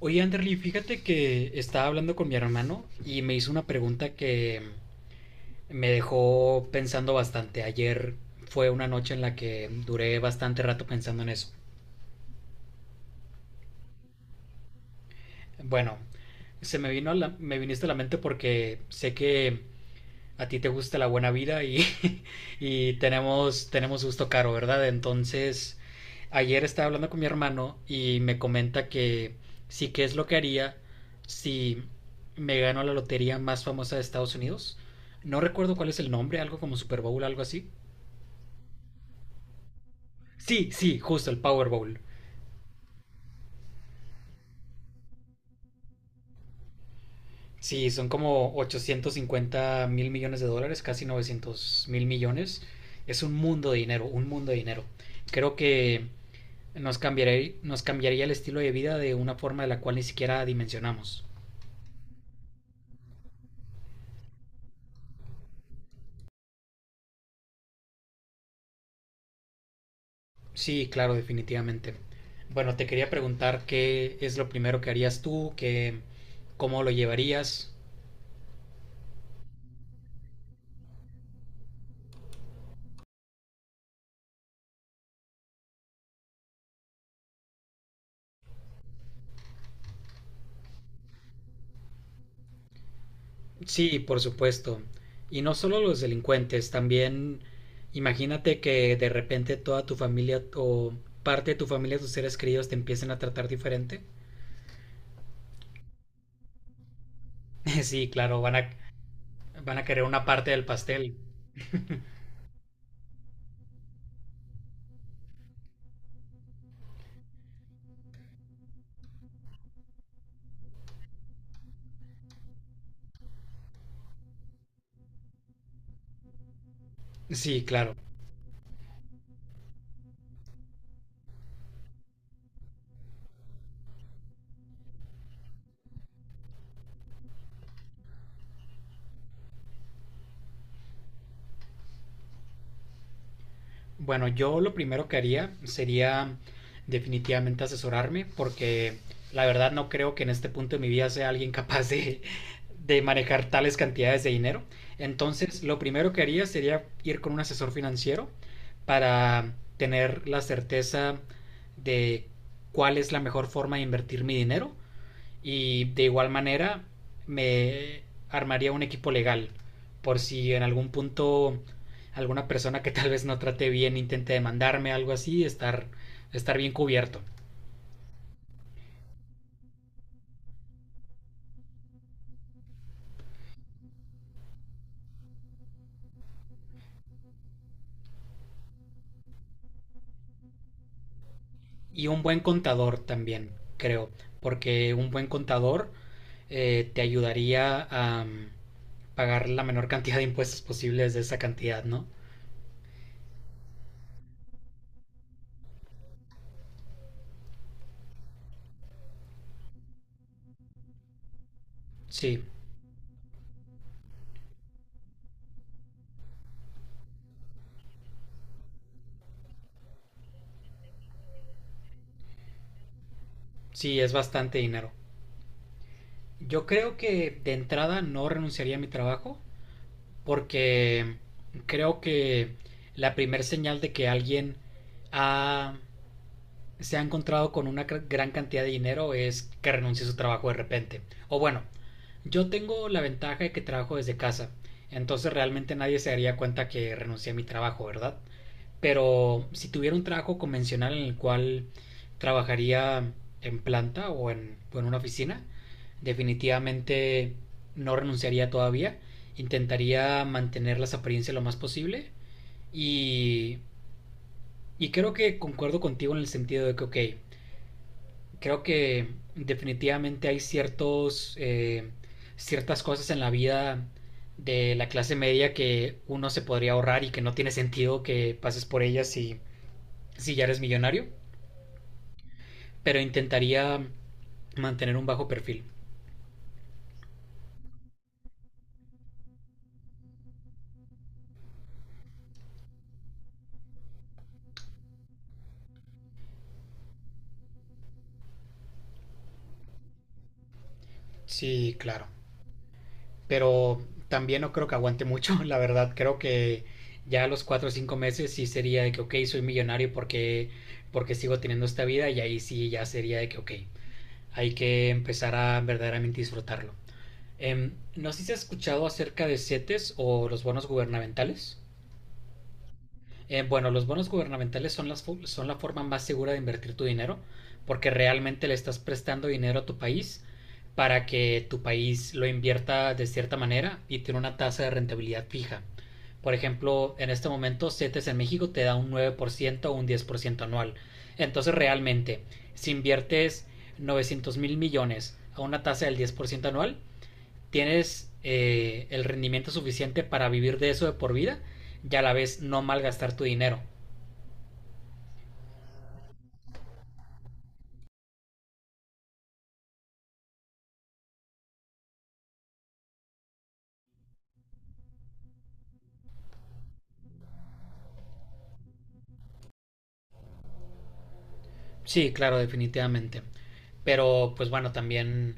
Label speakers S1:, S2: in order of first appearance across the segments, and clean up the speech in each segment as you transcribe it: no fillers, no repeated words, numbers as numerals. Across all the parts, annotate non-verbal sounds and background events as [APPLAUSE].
S1: Oye, Anderly, fíjate que estaba hablando con mi hermano y me hizo una pregunta que me dejó pensando bastante. Ayer fue una noche en la que duré bastante rato pensando en eso. Bueno, se me vino a me viniste a la mente porque sé que a ti te gusta la buena vida y, [LAUGHS] y tenemos gusto caro, ¿verdad? Entonces, ayer estaba hablando con mi hermano y me comenta que sí que es lo que haría si me gano la lotería más famosa de Estados Unidos. No recuerdo cuál es el nombre, algo como Super Bowl, algo así. Sí, sí, justo el Power Bowl. Sí, son como $850,000,000,000, casi 900,000,000,000. Es un mundo de dinero, un mundo de dinero. Creo que nos cambiaría el estilo de vida de una forma de la cual ni siquiera dimensionamos. Sí, claro, definitivamente. Bueno, te quería preguntar qué es lo primero que harías tú, qué, cómo lo llevarías. Sí, por supuesto. Y no solo los delincuentes, también imagínate que de repente toda tu familia o parte de tu familia, tus seres queridos te empiecen a tratar diferente. [LAUGHS] Sí, claro, van a, van a querer una parte del pastel. Sí, claro. Bueno, yo lo primero que haría sería definitivamente asesorarme porque la verdad no creo que en este punto de mi vida sea alguien capaz de manejar tales cantidades de dinero. Entonces, lo primero que haría sería ir con un asesor financiero para tener la certeza de cuál es la mejor forma de invertir mi dinero y de igual manera me armaría un equipo legal por si en algún punto alguna persona que tal vez no trate bien intente demandarme algo así, estar bien cubierto. Y un buen contador también, creo, porque un buen contador te ayudaría a pagar la menor cantidad de impuestos posibles de esa cantidad, ¿no? Sí, sí, es bastante dinero. Yo creo que de entrada no renunciaría a mi trabajo, porque creo que la primer señal de que alguien ha- se ha encontrado con una gran cantidad de dinero es que renuncie a su trabajo de repente. O bueno, yo tengo la ventaja de que trabajo desde casa, entonces realmente nadie se daría cuenta que renuncié a mi trabajo, ¿verdad? Pero si tuviera un trabajo convencional en el cual trabajaría en planta o en una oficina, definitivamente no renunciaría todavía. Intentaría mantener las apariencias lo más posible. Y, y creo que concuerdo contigo en el sentido de que, ok, creo que definitivamente hay ciertos, ciertas cosas en la vida de la clase media que uno se podría ahorrar y que no tiene sentido que pases por ellas si, si ya eres millonario. Pero intentaría mantener un bajo perfil. Sí, claro. Pero también no creo que aguante mucho, [LAUGHS] la verdad. Creo que ya a los cuatro o cinco meses sí sería de que, ok, soy millonario porque, porque sigo teniendo esta vida y ahí sí ya sería de que, ok, hay que empezar a verdaderamente disfrutarlo. No sé si has escuchado acerca de CETES o los bonos gubernamentales. Bueno, los bonos gubernamentales son, las, son la forma más segura de invertir tu dinero porque realmente le estás prestando dinero a tu país para que tu país lo invierta de cierta manera y tiene una tasa de rentabilidad fija. Por ejemplo, en este momento CETES en México te da un 9% o un 10% anual. Entonces realmente, si inviertes 900,000,000,000 a una tasa del 10% anual, tienes el rendimiento suficiente para vivir de eso de por vida y a la vez no malgastar tu dinero. Sí, claro, definitivamente. Pero pues bueno, también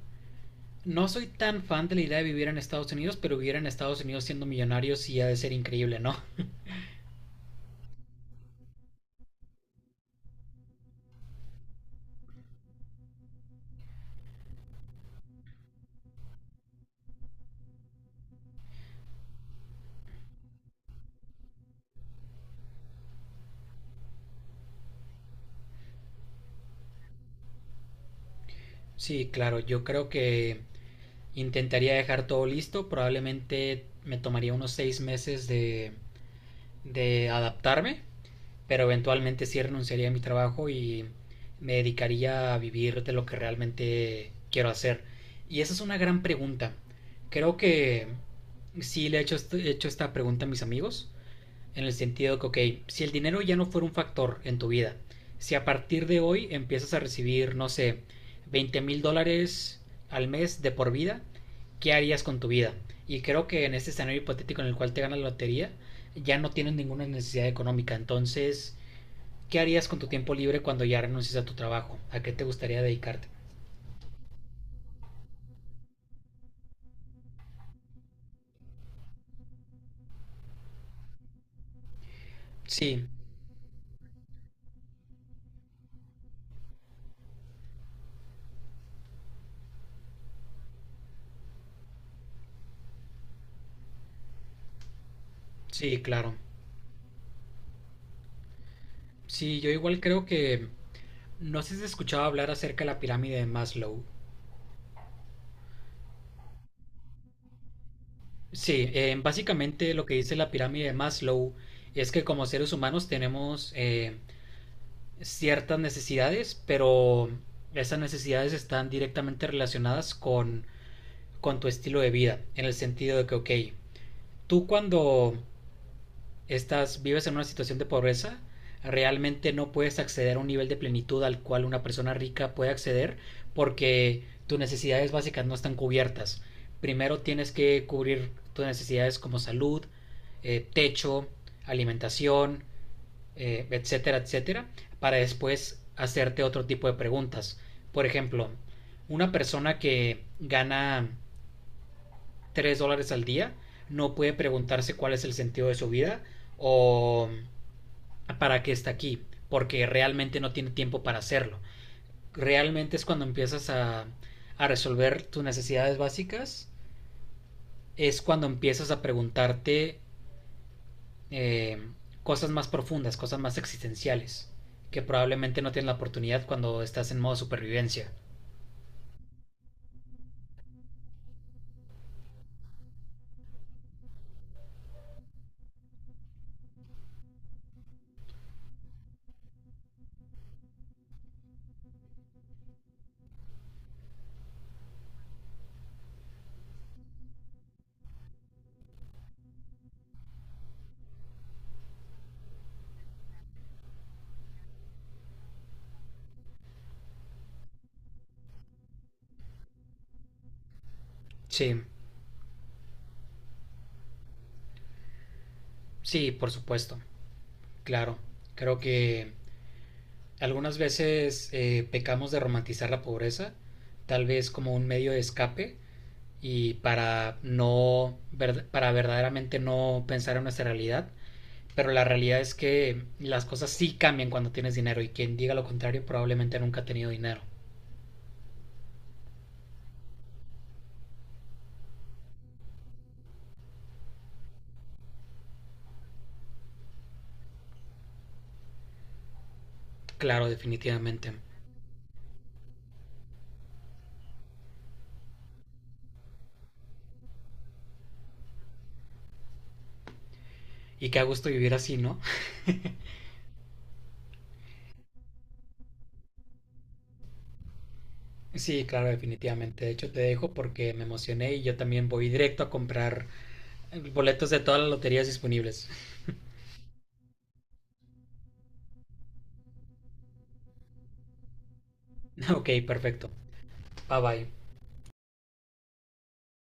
S1: no soy tan fan de la idea de vivir en Estados Unidos, pero vivir en Estados Unidos siendo millonario sí ha de ser increíble, ¿no? Sí, claro, yo creo que intentaría dejar todo listo, probablemente me tomaría unos 6 meses de adaptarme, pero eventualmente sí renunciaría a mi trabajo y me dedicaría a vivir de lo que realmente quiero hacer. Y esa es una gran pregunta. Creo que he hecho esta pregunta a mis amigos, en el sentido que, ok, si el dinero ya no fuera un factor en tu vida, si a partir de hoy empiezas a recibir, no sé, $20,000 al mes de por vida, ¿qué harías con tu vida? Y creo que en este escenario hipotético en el cual te ganas la lotería, ya no tienes ninguna necesidad económica. Entonces, ¿qué harías con tu tiempo libre cuando ya renuncies a tu trabajo? ¿A qué te gustaría dedicarte? Sí, sí, claro. Sí, yo igual creo que... No sé si has escuchado hablar acerca de la pirámide de Maslow. Sí, básicamente lo que dice la pirámide de Maslow es que como seres humanos tenemos ciertas necesidades, pero esas necesidades están directamente relacionadas con tu estilo de vida, en el sentido de que, ok, tú cuando estás, vives en una situación de pobreza, realmente no puedes acceder a un nivel de plenitud al cual una persona rica puede acceder porque tus necesidades básicas no están cubiertas. Primero tienes que cubrir tus necesidades como salud, techo, alimentación, etcétera, etcétera, para después hacerte otro tipo de preguntas. Por ejemplo, una persona que gana $3 al día no puede preguntarse cuál es el sentido de su vida o para que está aquí, porque realmente no tiene tiempo para hacerlo. Realmente es cuando empiezas a resolver tus necesidades básicas, es cuando empiezas a preguntarte eh, cosas más profundas, cosas más existenciales, que probablemente no tienes la oportunidad cuando estás en modo supervivencia. Sí, sí, por supuesto, claro. Creo que algunas veces pecamos de romantizar la pobreza, tal vez como un medio de escape y para verdaderamente no pensar en nuestra realidad, pero la realidad es que las cosas sí cambian cuando tienes dinero y quien diga lo contrario probablemente nunca ha tenido dinero. Claro, definitivamente. Y qué a gusto vivir así, ¿no? [LAUGHS] Sí, claro, definitivamente. De hecho, te dejo porque me emocioné y yo también voy directo a comprar boletos de todas las loterías disponibles. [LAUGHS] Ok, perfecto. Bye bye.